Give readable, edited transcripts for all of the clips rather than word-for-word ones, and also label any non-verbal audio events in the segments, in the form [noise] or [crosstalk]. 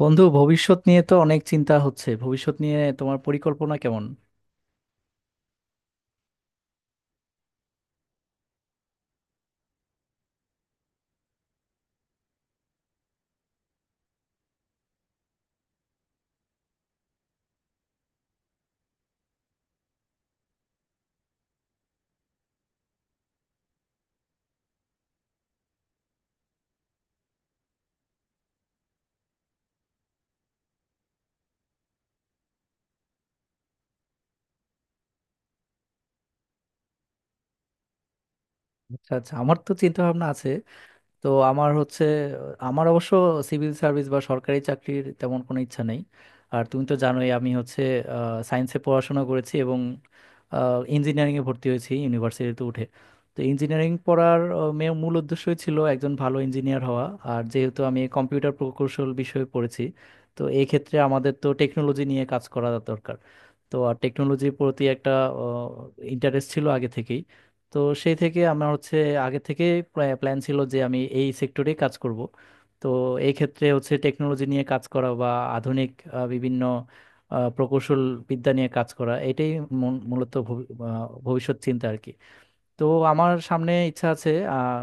বন্ধু, ভবিষ্যৎ নিয়ে তো অনেক চিন্তা হচ্ছে। ভবিষ্যৎ নিয়ে তোমার পরিকল্পনা কেমন? আচ্ছা আচ্ছা, আমার তো চিন্তা ভাবনা আছে। তো আমার হচ্ছে, আমার অবশ্য সিভিল সার্ভিস বা সরকারি চাকরির তেমন কোনো ইচ্ছা নেই। আর তুমি তো জানোই আমি হচ্ছে সায়েন্সে পড়াশোনা করেছি এবং ইঞ্জিনিয়ারিংয়ে ভর্তি হয়েছি ইউনিভার্সিটিতে উঠে। তো ইঞ্জিনিয়ারিং পড়ার মূল উদ্দেশ্যই ছিল একজন ভালো ইঞ্জিনিয়ার হওয়া। আর যেহেতু আমি কম্পিউটার প্রকৌশল বিষয়ে পড়েছি, তো এই ক্ষেত্রে আমাদের তো টেকনোলজি নিয়ে কাজ করা দরকার। তো আর টেকনোলজির প্রতি একটা ইন্টারেস্ট ছিল আগে থেকেই। তো সেই থেকে আমার হচ্ছে আগে থেকে প্ল্যান ছিল যে আমি এই সেক্টরে কাজ করব। তো এই ক্ষেত্রে হচ্ছে টেকনোলজি নিয়ে কাজ করা বা আধুনিক বিভিন্ন প্রকৌশল বিদ্যা নিয়ে কাজ করা, এটাই মূলত ভবিষ্যৎ চিন্তা আর কি। তো আমার সামনে ইচ্ছা আছে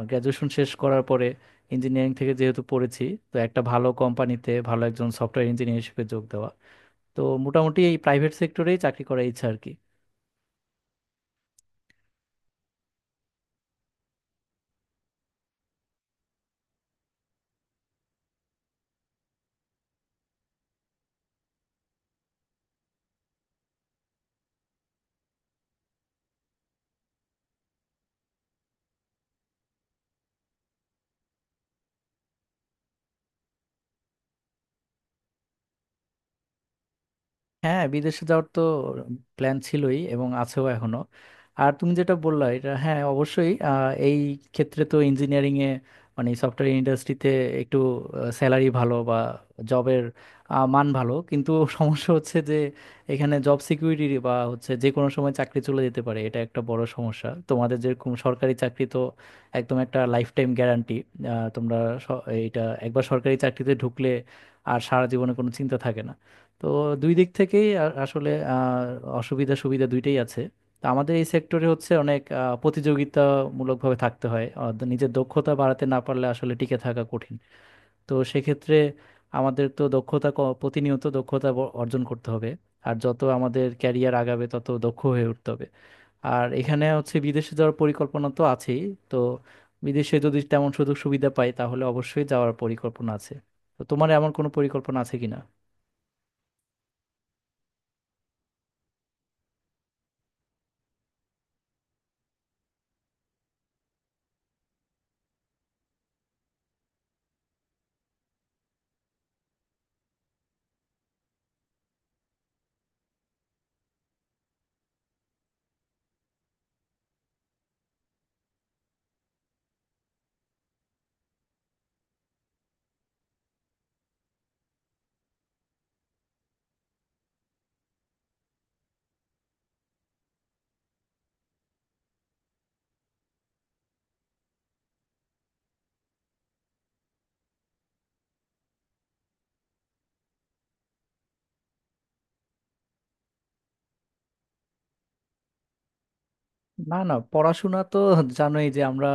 গ্র্যাজুয়েশন শেষ করার পরে, ইঞ্জিনিয়ারিং থেকে যেহেতু পড়েছি, তো একটা ভালো কোম্পানিতে ভালো একজন সফটওয়্যার ইঞ্জিনিয়ার হিসেবে যোগ দেওয়া। তো মোটামুটি এই প্রাইভেট সেক্টরেই চাকরি করার ইচ্ছা আর কি। হ্যাঁ, বিদেশে যাওয়ার তো প্ল্যান ছিলই এবং আছেও এখনো। আর তুমি যেটা বললা, এটা হ্যাঁ অবশ্যই। এই ক্ষেত্রে তো ইঞ্জিনিয়ারিং এ, মানে সফটওয়্যার ইন্ডাস্ট্রিতে একটু স্যালারি ভালো বা জবের মান ভালো, কিন্তু [laughs] সমস্যা হচ্ছে যে এখানে জব সিকিউরিটি বা হচ্ছে যে কোনো সময় চাকরি চলে যেতে পারে, এটা একটা বড় সমস্যা। তোমাদের যেরকম সরকারি চাকরি তো একদম একটা লাইফ টাইম গ্যারান্টি। তোমরা এইটা একবার সরকারি চাকরিতে ঢুকলে আর সারা জীবনে কোনো চিন্তা থাকে না। তো দুই দিক থেকেই আসলে অসুবিধা সুবিধা দুইটাই আছে। তো আমাদের এই সেক্টরে হচ্ছে অনেক প্রতিযোগিতামূলকভাবে থাকতে হয়। নিজের দক্ষতা বাড়াতে না পারলে আসলে টিকে থাকা কঠিন। তো সেক্ষেত্রে আমাদের তো প্রতিনিয়ত দক্ষতা অর্জন করতে হবে। আর যত আমাদের ক্যারিয়ার আগাবে তত দক্ষ হয়ে উঠতে হবে। আর এখানে হচ্ছে বিদেশে যাওয়ার পরিকল্পনা তো আছেই। তো বিদেশে যদি তেমন সুযোগ সুবিধা পাই তাহলে অবশ্যই যাওয়ার পরিকল্পনা আছে। তো তোমার এমন কোনো পরিকল্পনা আছে কিনা? না না, পড়াশোনা তো জানোই যে আমরা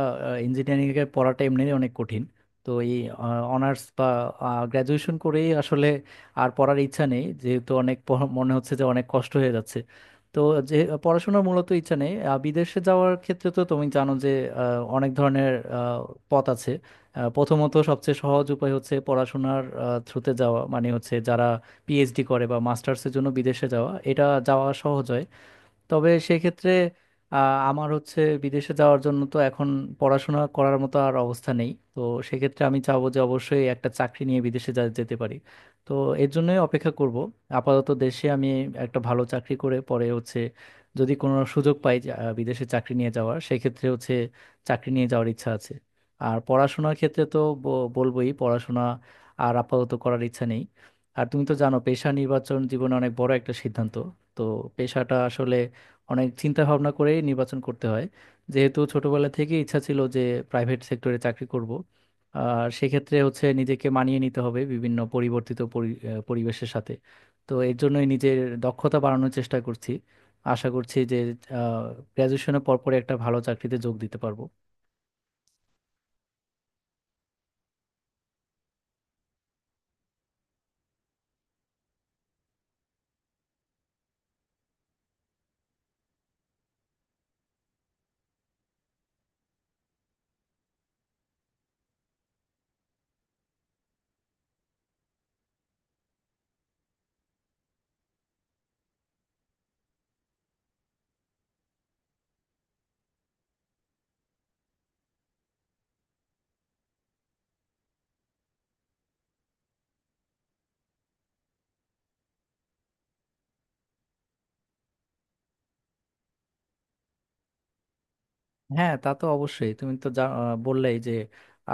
ইঞ্জিনিয়ারিং এর পড়াটা এমনি অনেক কঠিন। তো এই অনার্স বা গ্রাজুয়েশন করেই আসলে আর পড়ার ইচ্ছা নেই, যেহেতু মনে হচ্ছে যে অনেক কষ্ট হয়ে যাচ্ছে। তো যে পড়াশোনার মূলত ইচ্ছা নেই। বিদেশে যাওয়ার ক্ষেত্রে তো তুমি জানো যে অনেক ধরনের আহ, পথ আছে। প্রথমত সবচেয়ে সহজ উপায় হচ্ছে পড়াশোনার থ্রুতে যাওয়া, মানে হচ্ছে যারা পিএইচডি করে বা মাস্টার্সের জন্য বিদেশে যাওয়া, এটা যাওয়া সহজ হয়। তবে সেক্ষেত্রে আমার হচ্ছে বিদেশে যাওয়ার জন্য তো এখন পড়াশোনা করার মতো আর অবস্থা নেই। তো সেক্ষেত্রে আমি চাবো যে অবশ্যই একটা চাকরি নিয়ে যেতে পারি। তো এর জন্যই অপেক্ষা করব। আপাতত দেশে আমি একটা ভালো চাকরি করে পরে হচ্ছে যদি কোনো সুযোগ পাই যে, বিদেশে চাকরি নিয়ে যাওয়ার, সেক্ষেত্রে হচ্ছে চাকরি নিয়ে যাওয়ার ইচ্ছা আছে। আর পড়াশোনার ক্ষেত্রে তো বলবোই পড়াশোনা আর আপাতত করার ইচ্ছা নেই। আর তুমি তো জানো, পেশা নির্বাচন জীবনে অনেক বড় একটা সিদ্ধান্ত। তো পেশাটা আসলে অনেক চিন্তা ভাবনা করে নির্বাচন করতে হয়। যেহেতু ছোটবেলা থেকে ইচ্ছা ছিল যে প্রাইভেট সেক্টরে চাকরি করব, আর সেক্ষেত্রে হচ্ছে নিজেকে মানিয়ে নিতে হবে বিভিন্ন পরিবর্তিত পরিবেশের সাথে। তো এর জন্যই নিজের দক্ষতা বাড়ানোর চেষ্টা করছি। আশা করছি যে গ্র্যাজুয়েশনের পরপরে একটা ভালো চাকরিতে যোগ দিতে পারবো। হ্যাঁ তা তো অবশ্যই, তুমি তো যা বললেই যে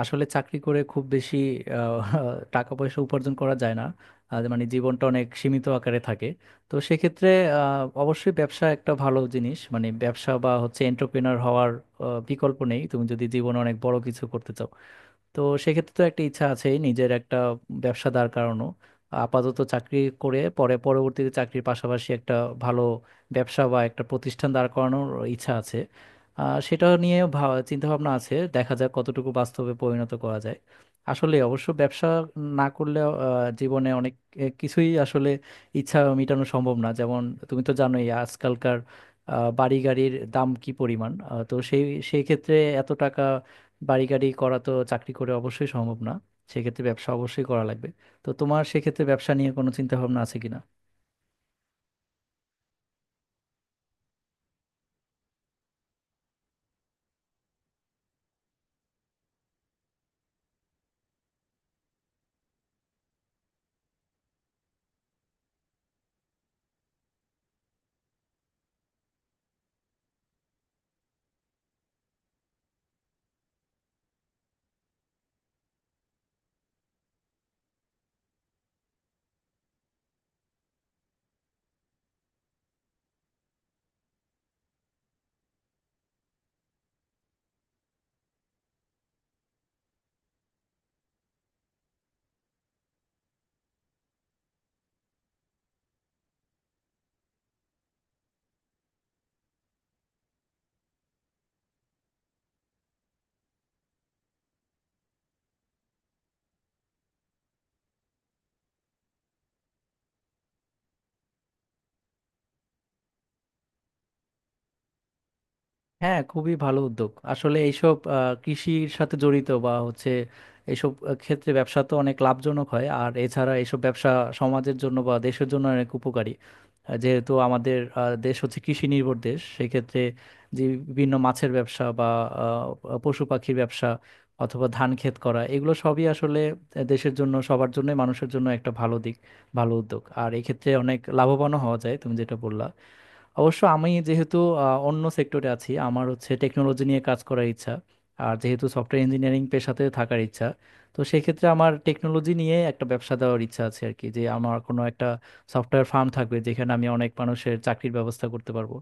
আসলে চাকরি করে খুব বেশি আহ, [laughs] টাকা পয়সা উপার্জন করা যায় না। মানে জীবনটা অনেক সীমিত আকারে থাকে। তো সেক্ষেত্রে অবশ্যই ব্যবসা একটা ভালো জিনিস, মানে ব্যবসা বা হচ্ছে এন্টারপ্রেনার হওয়ার বিকল্প নেই তুমি যদি জীবনে অনেক বড় কিছু করতে চাও। তো সেক্ষেত্রে তো একটা ইচ্ছা আছে নিজের একটা ব্যবসা দাঁড় করানো। আপাতত চাকরি করে পরে পরবর্তীতে চাকরির পাশাপাশি একটা ভালো ব্যবসা বা একটা প্রতিষ্ঠান দাঁড় করানোর ইচ্ছা আছে। সেটা নিয়ে চিন্তাভাবনা আছে, দেখা যাক কতটুকু বাস্তবে পরিণত করা যায়। আসলে অবশ্য ব্যবসা না করলে জীবনে অনেক কিছুই আসলে ইচ্ছা মেটানো সম্ভব না। যেমন তুমি তো জানোই আজকালকার বাড়ি গাড়ির দাম কি পরিমাণ। তো সেই সেই ক্ষেত্রে এত টাকা বাড়ি গাড়ি করা তো চাকরি করে অবশ্যই সম্ভব না। সেক্ষেত্রে ব্যবসা অবশ্যই করা লাগবে। তো তোমার সেক্ষেত্রে ব্যবসা নিয়ে কোনো চিন্তা ভাবনা আছে কিনা? হ্যাঁ, খুবই ভালো উদ্যোগ আসলে এইসব কৃষির সাথে জড়িত বা হচ্ছে এইসব ক্ষেত্রে ব্যবসা তো অনেক লাভজনক হয়। আর এছাড়া এইসব ব্যবসা সমাজের জন্য বা দেশের জন্য অনেক উপকারী। যেহেতু আমাদের দেশ হচ্ছে কৃষি নির্ভর দেশ, সেক্ষেত্রে যে বিভিন্ন মাছের ব্যবসা বা পশু পাখির ব্যবসা অথবা ধান ক্ষেত করা, এগুলো সবই আসলে দেশের জন্য, সবার জন্য, মানুষের জন্য একটা ভালো দিক, ভালো উদ্যোগ। আর এক্ষেত্রে অনেক লাভবানও হওয়া যায়, তুমি যেটা বললা। অবশ্য আমি যেহেতু অন্য সেক্টরে আছি, আমার হচ্ছে টেকনোলজি নিয়ে কাজ করার ইচ্ছা আর যেহেতু সফটওয়্যার ইঞ্জিনিয়ারিং পেশাতে থাকার ইচ্ছা, তো সেক্ষেত্রে আমার টেকনোলজি নিয়ে একটা ব্যবসা দেওয়ার ইচ্ছা আছে আর কি। যে আমার কোনো একটা সফটওয়্যার ফার্ম থাকবে যেখানে আমি অনেক মানুষের চাকরির ব্যবস্থা করতে পারবো।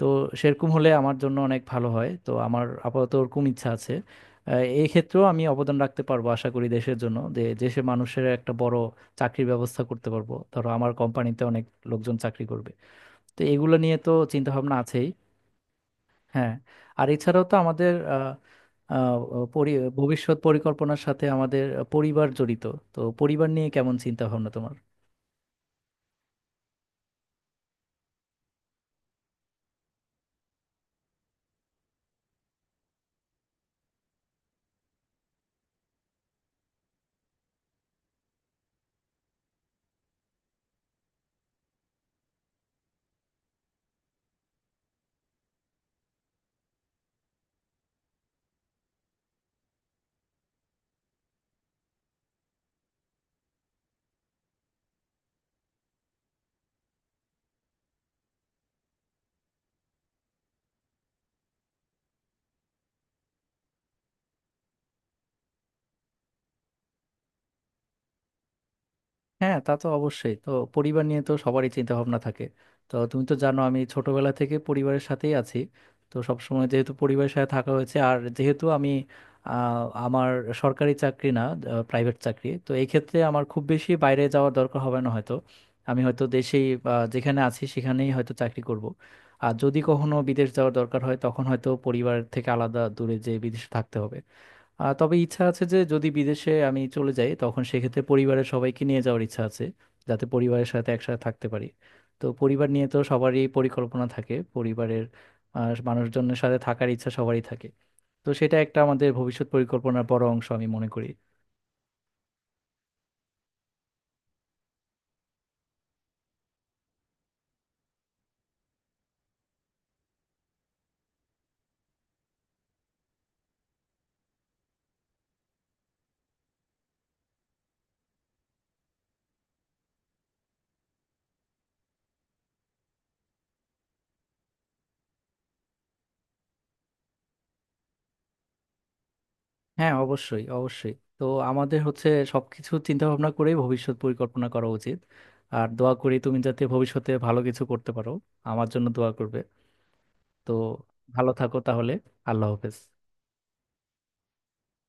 তো সেরকম হলে আমার জন্য অনেক ভালো হয়। তো আমার আপাতত ওরকম ইচ্ছা আছে। এই ক্ষেত্রেও আমি অবদান রাখতে পারবো আশা করি দেশের জন্য, যে দেশের মানুষের একটা বড় চাকরির ব্যবস্থা করতে পারবো। ধরো আমার কোম্পানিতে অনেক লোকজন চাকরি করবে, তো এগুলো নিয়ে তো চিন্তা ভাবনা আছেই। হ্যাঁ, আর এছাড়াও তো আমাদের আহ, আহ, পরি- ভবিষ্যৎ পরিকল্পনার সাথে আমাদের পরিবার জড়িত। তো পরিবার নিয়ে কেমন চিন্তা ভাবনা তোমার? হ্যাঁ তা তো অবশ্যই তো, পরিবার নিয়ে তো সবারই চিন্তা ভাবনা থাকে। তো তুমি তো জানো আমি ছোটবেলা থেকে পরিবারের সাথেই আছি। তো সবসময় যেহেতু পরিবারের সাথে থাকা হয়েছে, আর যেহেতু আমি আহ, আমার সরকারি চাকরি না, প্রাইভেট চাকরি, তো এই ক্ষেত্রে আমার খুব বেশি বাইরে যাওয়ার দরকার হবে না হয়তো। আমি হয়তো দেশেই বা যেখানে আছি সেখানেই হয়তো চাকরি করব। আর যদি কখনো বিদেশ যাওয়ার দরকার হয়, তখন হয়তো পরিবার থেকে আলাদা দূরে যে বিদেশে থাকতে হবে। তবে ইচ্ছা আছে যে যদি বিদেশে আমি চলে যাই, তখন সেক্ষেত্রে পরিবারের সবাইকে নিয়ে যাওয়ার ইচ্ছা আছে, যাতে পরিবারের সাথে একসাথে থাকতে পারি। তো পরিবার নিয়ে তো সবারই পরিকল্পনা থাকে, পরিবারের মানুষজনের সাথে থাকার ইচ্ছা সবারই থাকে। তো সেটা একটা আমাদের ভবিষ্যৎ পরিকল্পনার বড় অংশ আমি মনে করি। হ্যাঁ অবশ্যই অবশ্যই তো, আমাদের হচ্ছে সবকিছু চিন্তা ভাবনা করেই ভবিষ্যৎ পরিকল্পনা করা উচিত। আর দোয়া করি তুমি যাতে ভবিষ্যতে ভালো কিছু করতে পারো। আমার জন্য দোয়া করবে। তো ভালো থাকো তাহলে। আল্লাহ হাফেজ।